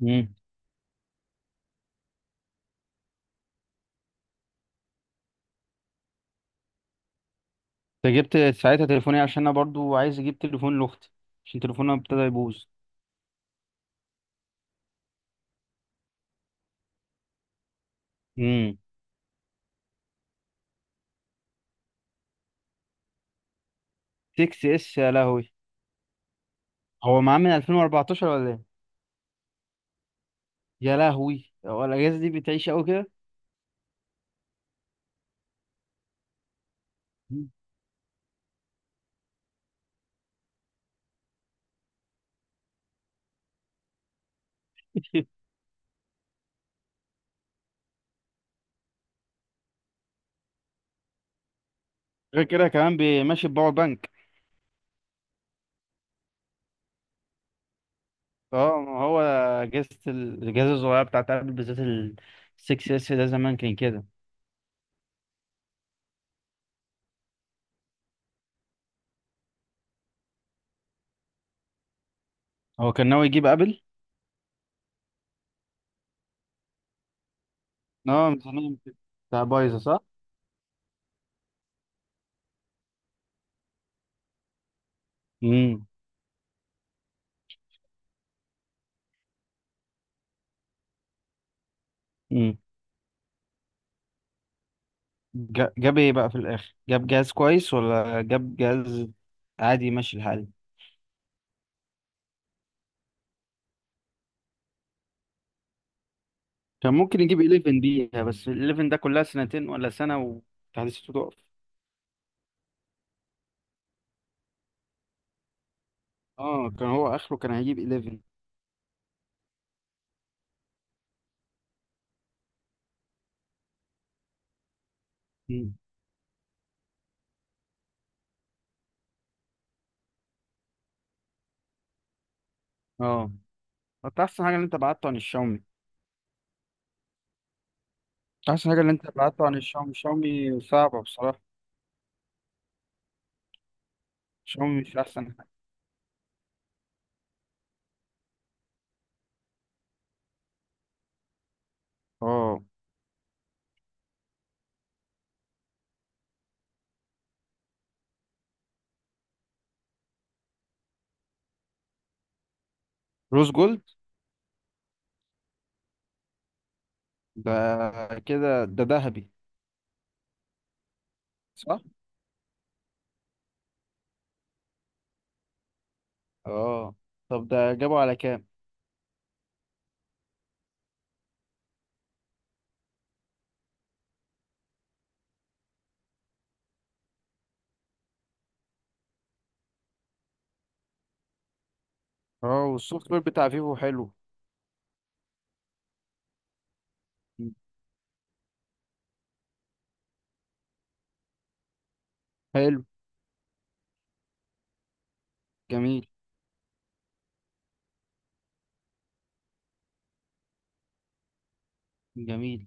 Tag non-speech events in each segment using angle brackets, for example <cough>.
مم. انت جبت ساعتها تليفوني عشان انا برضو عايز اجيب تليفون لاختي، عشان تليفونها ابتدى يبوظ. امم 6 اس، يا لهوي. هو معاه من 2014 ولا ايه؟ يا لهوي، هو الاجهزه دي بتعيش قوي كده. مم. <laughs> غير كده كمان ماشي بباور بانك. اه ما هو اجهزه الاجهزه الصغيره بتاعت ابل، بالذات ال 6 اس ده زمان كان كده. هو كان ناوي يجيب ابل. اه، ميزانيه بتاع بايظه، صح. امم. جاب ايه بقى في الاخر، جاب جهاز كويس ولا جاب جهاز عادي ماشي الحال؟ كان ممكن يجيب 11 بيها، بس ال 11 ده كلها سنتين ولا سنة وتحديثاته تقف. اه كان هو اخره كان هيجيب 11. مم. اه، انت احسن حاجة اللي انت بعته عن الشاومي. احسن حاجة اللي انت بعته عن الشاومي، الشاومي صعبة بصراحة. الشاومي مش احسن حاجة. اه، روز جولد، ده كده ده ذهبي، صح. اه، طب ده جابه على كام؟ اه، والسوفت وير بتاع فيفو حلو. مم. حلو. جميل. جميل،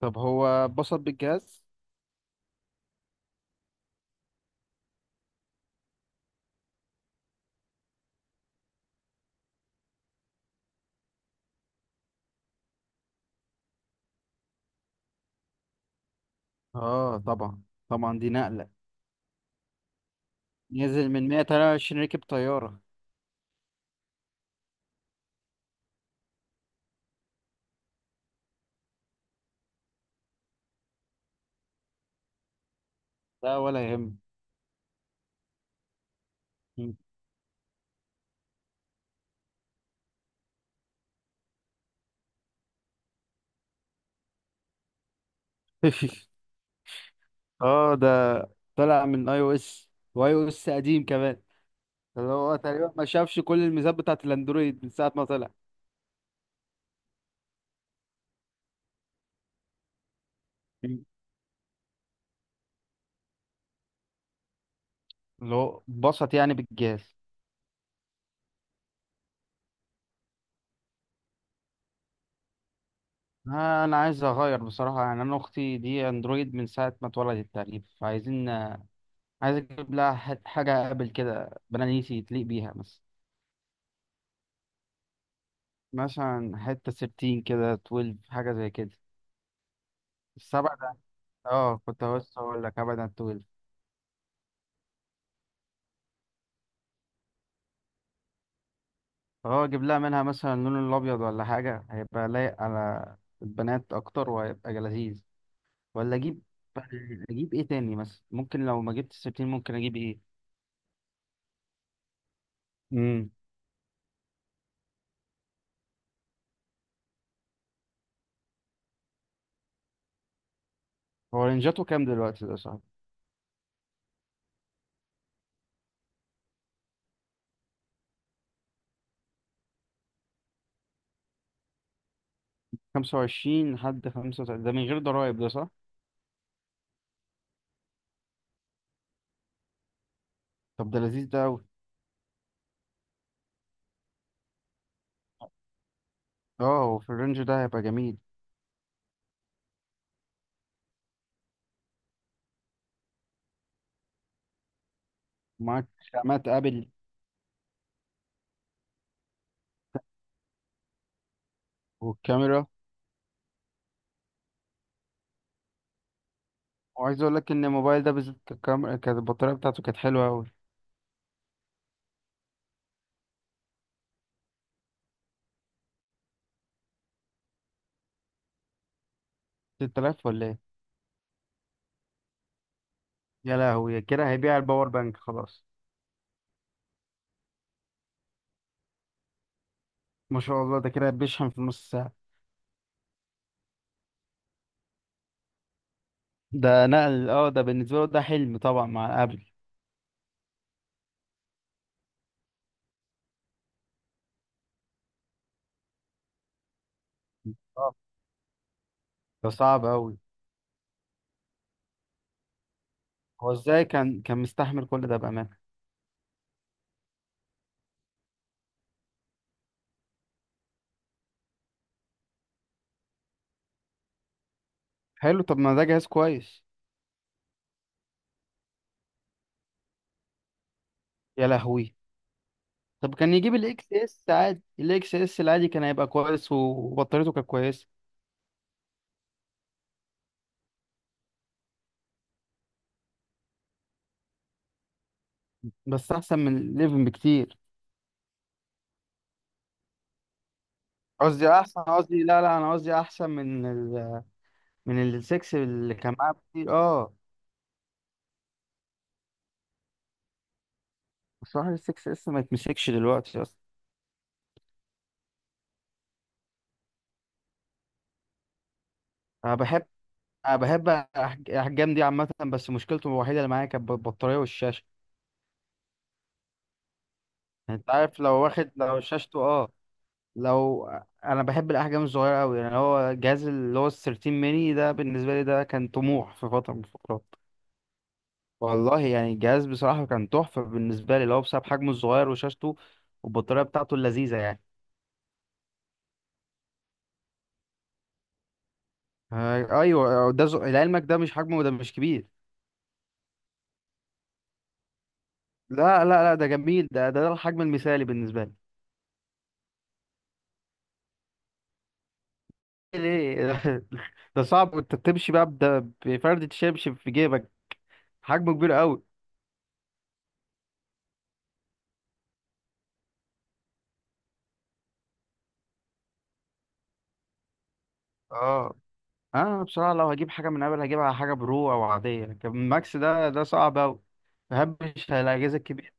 طب هو اتبسط بالجهاز؟ اه، طبعا طبعا، دي نقلة. نزل من 123 ركب طيارة. لا ولا يهم. <laughs> اه، ده طلع من اي او اس، واي او اس قديم كمان، اللي هو تقريبا ما شافش كل الميزات بتاعت الاندرويد من ساعة ما طلع. مم. اللي هو اتبسط يعني بالجهاز. انا عايز اغير بصراحة، يعني انا اختي دي اندرويد من ساعة ما اتولدت تقريبا، فعايزين، عايز اجيب لها حاجة ابل كده بنانيسي تليق بيها مثلا. مثلا حتة 13 كده، 12، حاجة زي كده. السبعة ده. اه كنت لسه هقول لك أبدا 12. اه، أجيب لها منها مثلا اللون الأبيض ولا حاجة، هيبقى لايق على البنات أكتر وهيبقى لذيذ. ولا أجيب؟ <laughs> أجيب إيه تاني مثلا؟ ممكن لو ما جبت 13 ممكن أجيب إيه؟ امم. هو رينجاته كام دلوقتي ده، صح؟ 25 لحد 35، ده من غير ضرايب، ده صح؟ طب ده لذيذ ده أوي. اه، هو في الرينج ده هيبقى جميل. معاك خامات أبل. والكاميرا. وعايز اقول لك ان الموبايل ده بالذات الكاميرا كانت، البطاريه بتاعته كانت حلوه قوي. 6000 ولا ايه؟ يا لهوي، كده هيبيع الباور بانك خلاص. ما شاء الله، ده كده بيشحن في نص ساعه. ده نقل، اه، ده بالنسبه له ده حلم طبعا مع ابل. اه، ده صعب قوي. هو ازاي كان مستحمل كل ده بامانه؟ حلو، طب ما ده جهاز كويس. يا لهوي. طب كان يجيب الاكس اس عادي، الاكس اس العادي كان هيبقى كويس وبطاريته كانت كويسه. بس احسن من ال11 بكتير. قصدي احسن، قصدي، لا لا، انا قصدي احسن من السكس اللي كان معاه كتير، اه. بصراحة السكس لسه ما يتمسكش دلوقتي اصلا. انا بحب انا بحب احجام دي عامة، بس مشكلته الوحيدة اللي معايا كانت البطارية والشاشة. يعني انت عارف لو واخد، لو شاشته، اه، لو، انا بحب الاحجام الصغيرة قوي، يعني هو الجهاز اللي هو ال 13 ميني ده بالنسبة لي ده كان طموح في فترة من الفترات. والله يعني الجهاز بصراحة كان تحفة بالنسبة لي، اللي هو بسبب حجمه الصغير وشاشته والبطارية بتاعته اللذيذة يعني. ايوه، ده لعلمك ده مش حجمه، ده مش كبير. لا لا لا، ده جميل، ده الحجم المثالي بالنسبة لي. ليه؟ <laughs> ده صعب، انت بتمشي بقى بده بفردة شبشب في جيبك. حجمه كبير قوي. اه، انا بصراحة لو هجيب حاجة من ابل هجيبها حاجة برو او عادية، لكن ماكس ده صعب قوي. مبحبش الاجهزة الكبيرة.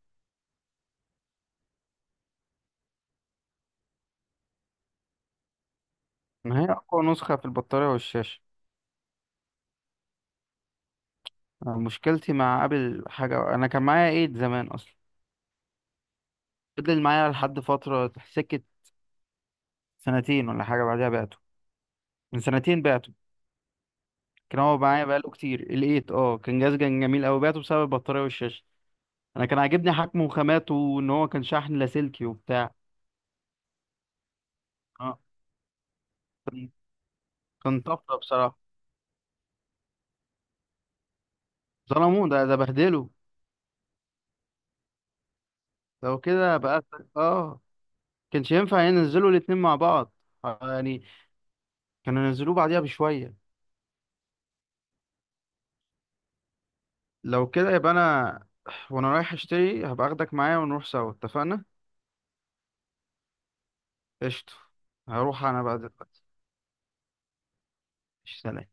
ان هي اقوى نسخة في البطارية والشاشة. أنا مشكلتي مع ابل حاجة، انا كان معايا ايد زمان اصلا. فضل معايا لحد فترة سكة، سنتين ولا حاجة بعدها بعته، من سنتين بعته. كان هو معايا بقاله كتير الايت، اه، كان جهاز، كان جميل قوي، بعته بسبب البطاريه والشاشه. انا كان عاجبني حجمه وخاماته وان هو كان شحن لاسلكي وبتاع. اه، كان طفره بصراحه. ظلموه، ده بهدله. لو كده بقى، اه، كانش ينفع ينزلوا الاتنين مع بعض. يعني كانوا ينزلوه بعديها بشويه. لو كده يبقى انا <sniffs> وانا رايح اشتري هبقى اخدك معايا ونروح سوا، اتفقنا. قشطه. هروح انا بقى دلوقتي. سلام.